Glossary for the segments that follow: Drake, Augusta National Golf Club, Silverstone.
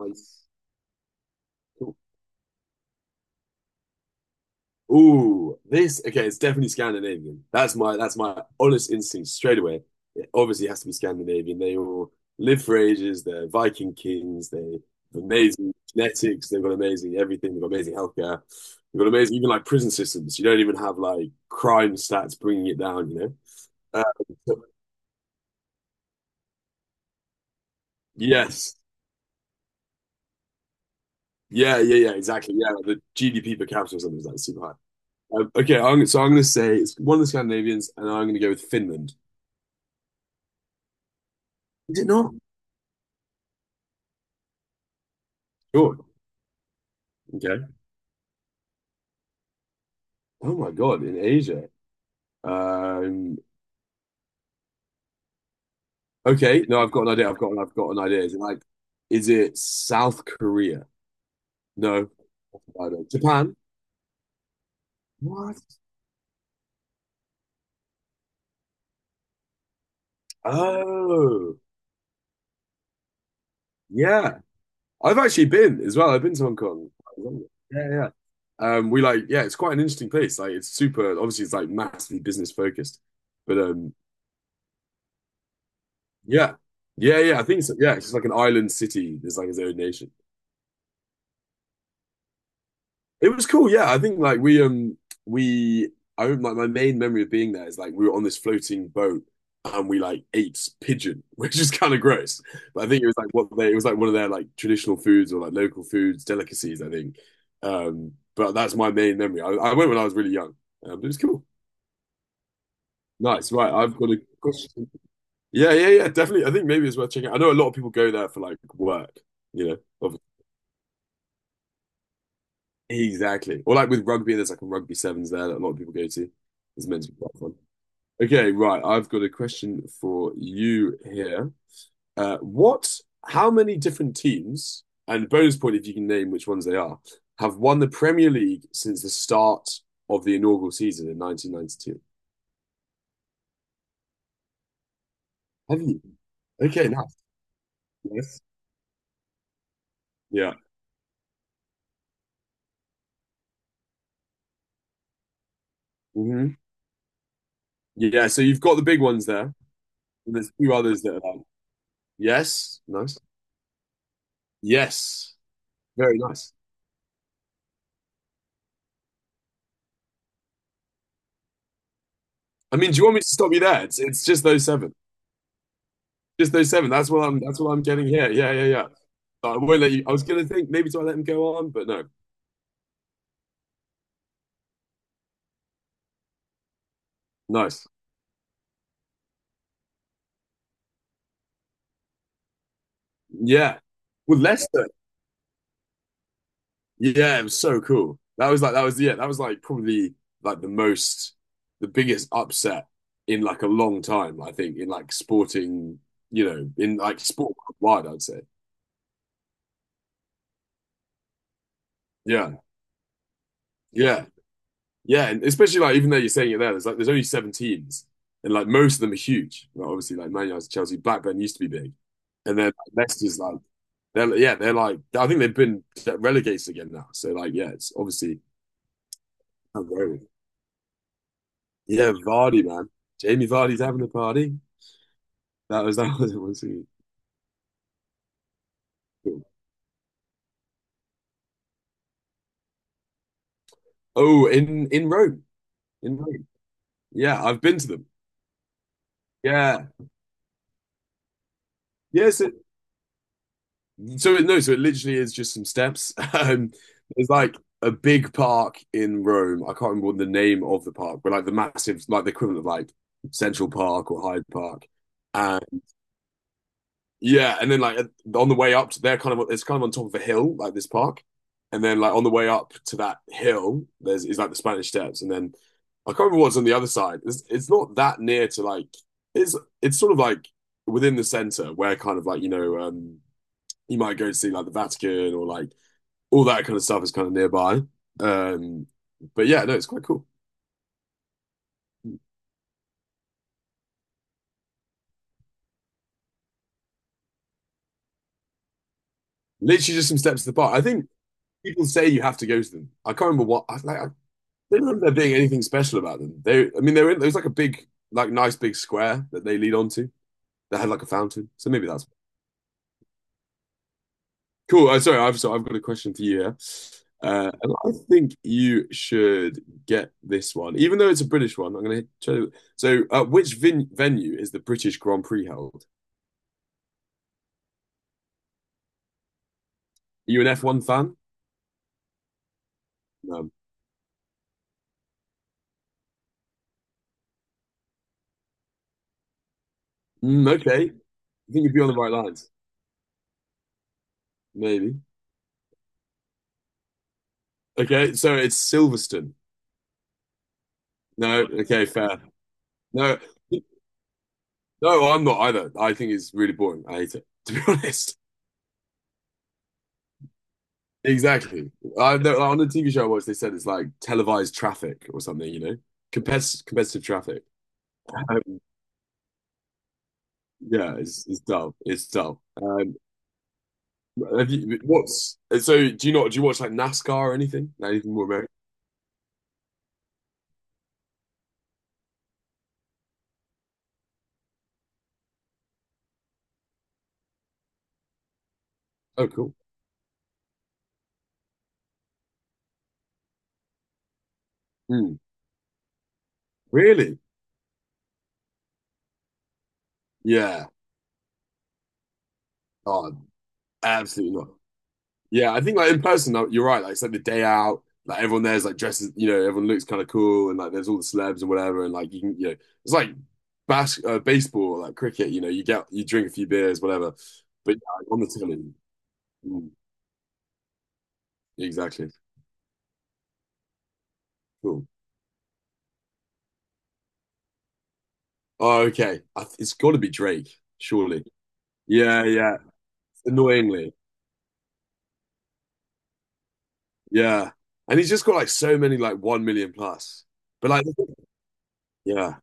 Nice. Cool. Ooh, this, okay, it's definitely Scandinavian. That's my honest instinct straight away. It obviously has to be Scandinavian. They all live for ages, they're Viking kings, they have amazing genetics, they've got amazing everything, they've got amazing healthcare, they've got amazing even like prison systems. You don't even have like crime stats bringing it down, you know? Uh, so- yes. Yeah, yeah, yeah, exactly. Yeah, the GDP per capita or something is like super high. Okay, so I'm going to say it's one of the Scandinavians, and I'm going to go with Finland. Is it not? Sure. Okay. Oh my God, in Asia. Um, okay. No, I've got an idea. I've got an idea. Is it like, is it South Korea? No. I don't- Japan? What? Oh, yeah. I've actually been as well. I've been to Hong Kong. Yeah, yeah. We like, yeah, it's quite an interesting place. Like, it's super, obviously, it's like massively business focused. But yeah, yeah, yeah. I think so. Yeah, it's just like an island city. There's like its own nation. It was cool, yeah. I think like we I remember, like my main memory of being there is like we were on this floating boat and we like ate pigeon, which is kind of gross. But I think it was like what they it was like one of their like traditional foods or like local foods, delicacies, I think. But that's my main memory. I went when I was really young. But it was cool. Nice, right. I've got a question. Yeah, yeah, yeah, definitely. I think maybe it's worth checking out. I know a lot of people go there for like work, you know. Exactly. Or like with rugby, there's like a rugby sevens there that a lot of people go to. It's meant to be quite fun. Okay, right. I've got a question for you here. Uh, what, how many different teams, and bonus point if you can name which ones they are, have won the Premier League since the start of the inaugural season in 1992? Have you? Okay, nice. Yes. Yeah. Hmm. Yeah, so you've got the big ones there, and there's a few others that are like, yes, nice. Yes. Very nice. I mean, do you want me to stop you there? It's just those seven. Just those seven. That's what I'm getting here. Yeah, yeah, yeah. I won't let you I was gonna think maybe do I let him go on, but no. Nice. Yeah. Well, Leicester. Yeah, it was so cool. That was like that was yeah, that was like probably like the most the biggest upset in like a long time, I think, in like sporting, you know, in like sport wide, I'd say. Yeah. Yeah. Yeah, and especially like even though you're saying it there, there's only seven teams, and like most of them are huge. Like, obviously, like Man United, Chelsea, Blackburn used to be big, and then like Leicester's like they're like I think they've been relegated again now. So like yeah, it's obviously not growing. Yeah, Vardy, man, Jamie Vardy's having a party. That was that was one thing. Oh, in Rome, in Rome. Yeah, I've been to them. Yeah, yes. No, so it literally is just some steps. There's like a big park in Rome. I can't remember what the name of the park, but like the massive, like the equivalent of like Central Park or Hyde Park. And yeah, and then like on the way up to there, kind of it's kind of on top of a hill, like this park. And then like on the way up to that hill, there's is like the Spanish Steps, and then I can't remember what's on the other side. It's not that near to like it's it's sort of like within the center where kind of like you might go see like the Vatican or like all that kind of stuff is kind of nearby. Um, but yeah, no, it's quite cool. Literally just some steps to the park. I think people say you have to go to them. I can't remember what I like. I don't remember there being anything special about them. They, I mean, they were in, there was like a big, like nice big square that they lead onto that had like a fountain. So maybe that's cool. Sorry, I've so I've got a question for you here. And I think you should get this one, even though it's a British one. I'm going to show you. So, which vin venue is the British Grand Prix held? You an F1 fan? No. Mm, okay. I think you'd be on the right lines. Maybe. Okay, so it's Silverstone. No, okay, fair. No, no, I'm not either. I think it's really boring. I hate it, to be honest. Exactly. I No, on the TV show I watched, they said it's like televised traffic or something, you know? Competitive, competitive traffic. Um, yeah, it's dull. It's dull. Have you, what's so? Do you not, do you watch like NASCAR or anything? Like, anything more American? Oh, cool. Hmm. Really? Yeah. Oh, absolutely not. Yeah, I think like in person, like, you're right. Like it's like the day out, like everyone there's like dresses, you know, everyone looks kind of cool, and like there's all the celebs and whatever, and like you can, you know, it's like baseball, like cricket. You know, you get you drink a few beers, whatever. But yeah, like, on the telly, mm, exactly. Cool. Oh, okay. I th it's got to be Drake, surely. Yeah, yeah. Annoyingly, yeah. And he's just got like so many like 1 million plus. But like, yeah,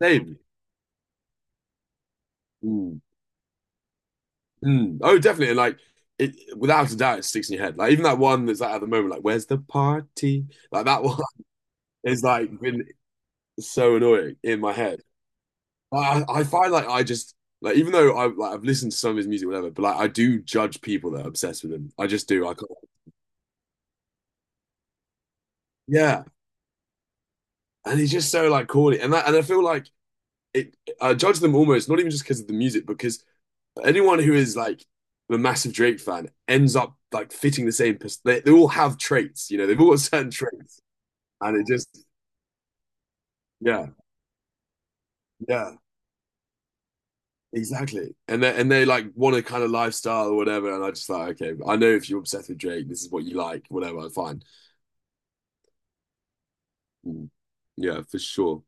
same. Mm. Mm. Oh, definitely. And like it without a doubt, it sticks in your head. Like even that one that's like at the moment, like "Where's the party?" Like that one is like been so annoying in my head. Like, I find like I just like even though I've listened to some of his music, whatever, but like I do judge people that are obsessed with him. I just do. I can't. Yeah, and he's just so like corny, and that, and I feel like it. I judge them almost not even just because of the music, because anyone who is like a massive Drake fan ends up like fitting the same, they all have traits, you know. They've all got certain traits, and it just yeah, yeah, exactly. And they like want a kind of lifestyle or whatever, and I just like, okay, I know if you're obsessed with Drake, this is what you like, whatever, fine. Mm, yeah, for sure.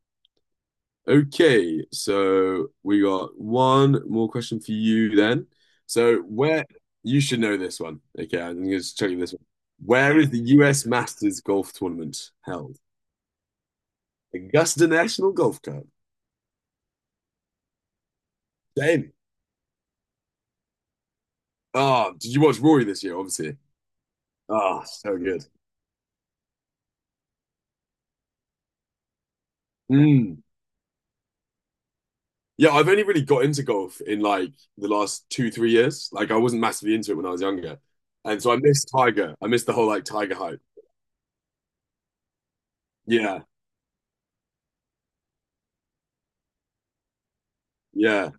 Okay, so we got one more question for you then. So where? You should know this one. Okay, I'm gonna just check you this one. Where is the U.S. Masters golf tournament held? Augusta National Golf Club. Damn. Ah, did you watch Rory this year? Obviously. Ah, so good. Mm. Yeah, I've only really got into golf in like the last two, 3 years. Like I wasn't massively into it when I was younger. And so I missed Tiger. I missed the whole like Tiger hype. Yeah, yeah.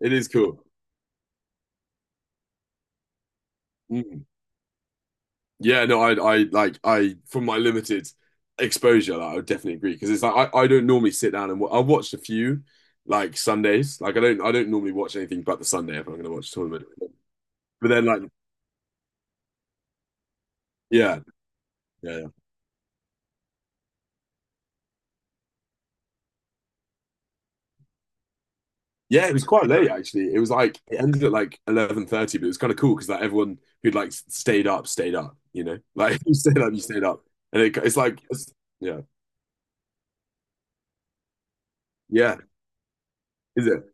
It is cool. Mm. Yeah, no, I like I from my limited exposure, like, I would definitely agree. Because it's like I don't normally sit down and I watched a few like Sundays. Like I don't normally watch anything but the Sunday if I'm gonna watch a tournament. But then like yeah, yeah. Yeah, it was quite late actually. It was like it ended at like 11:30, but it was kind of cool because like everyone who'd like stayed up stayed up. You know, like you stayed up, and it, it's like it's- yeah, yeah. Is it?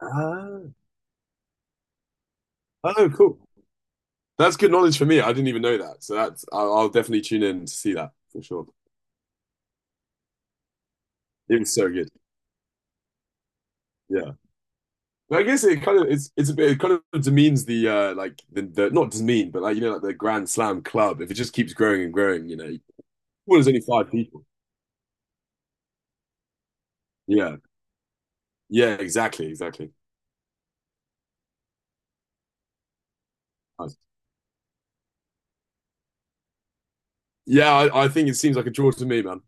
Ah, oh, cool. That's good knowledge for me. I didn't even know that. So that's I'll definitely tune in to see that for sure. It was so good. Yeah, but I guess it kind of it's a bit it kind of demeans the like the not demean but like you know like the Grand Slam club if it just keeps growing and growing. You know, well, there's only five people. Yeah, yeah, exactly, exactly. Yeah, I think it seems like a draw to me, man.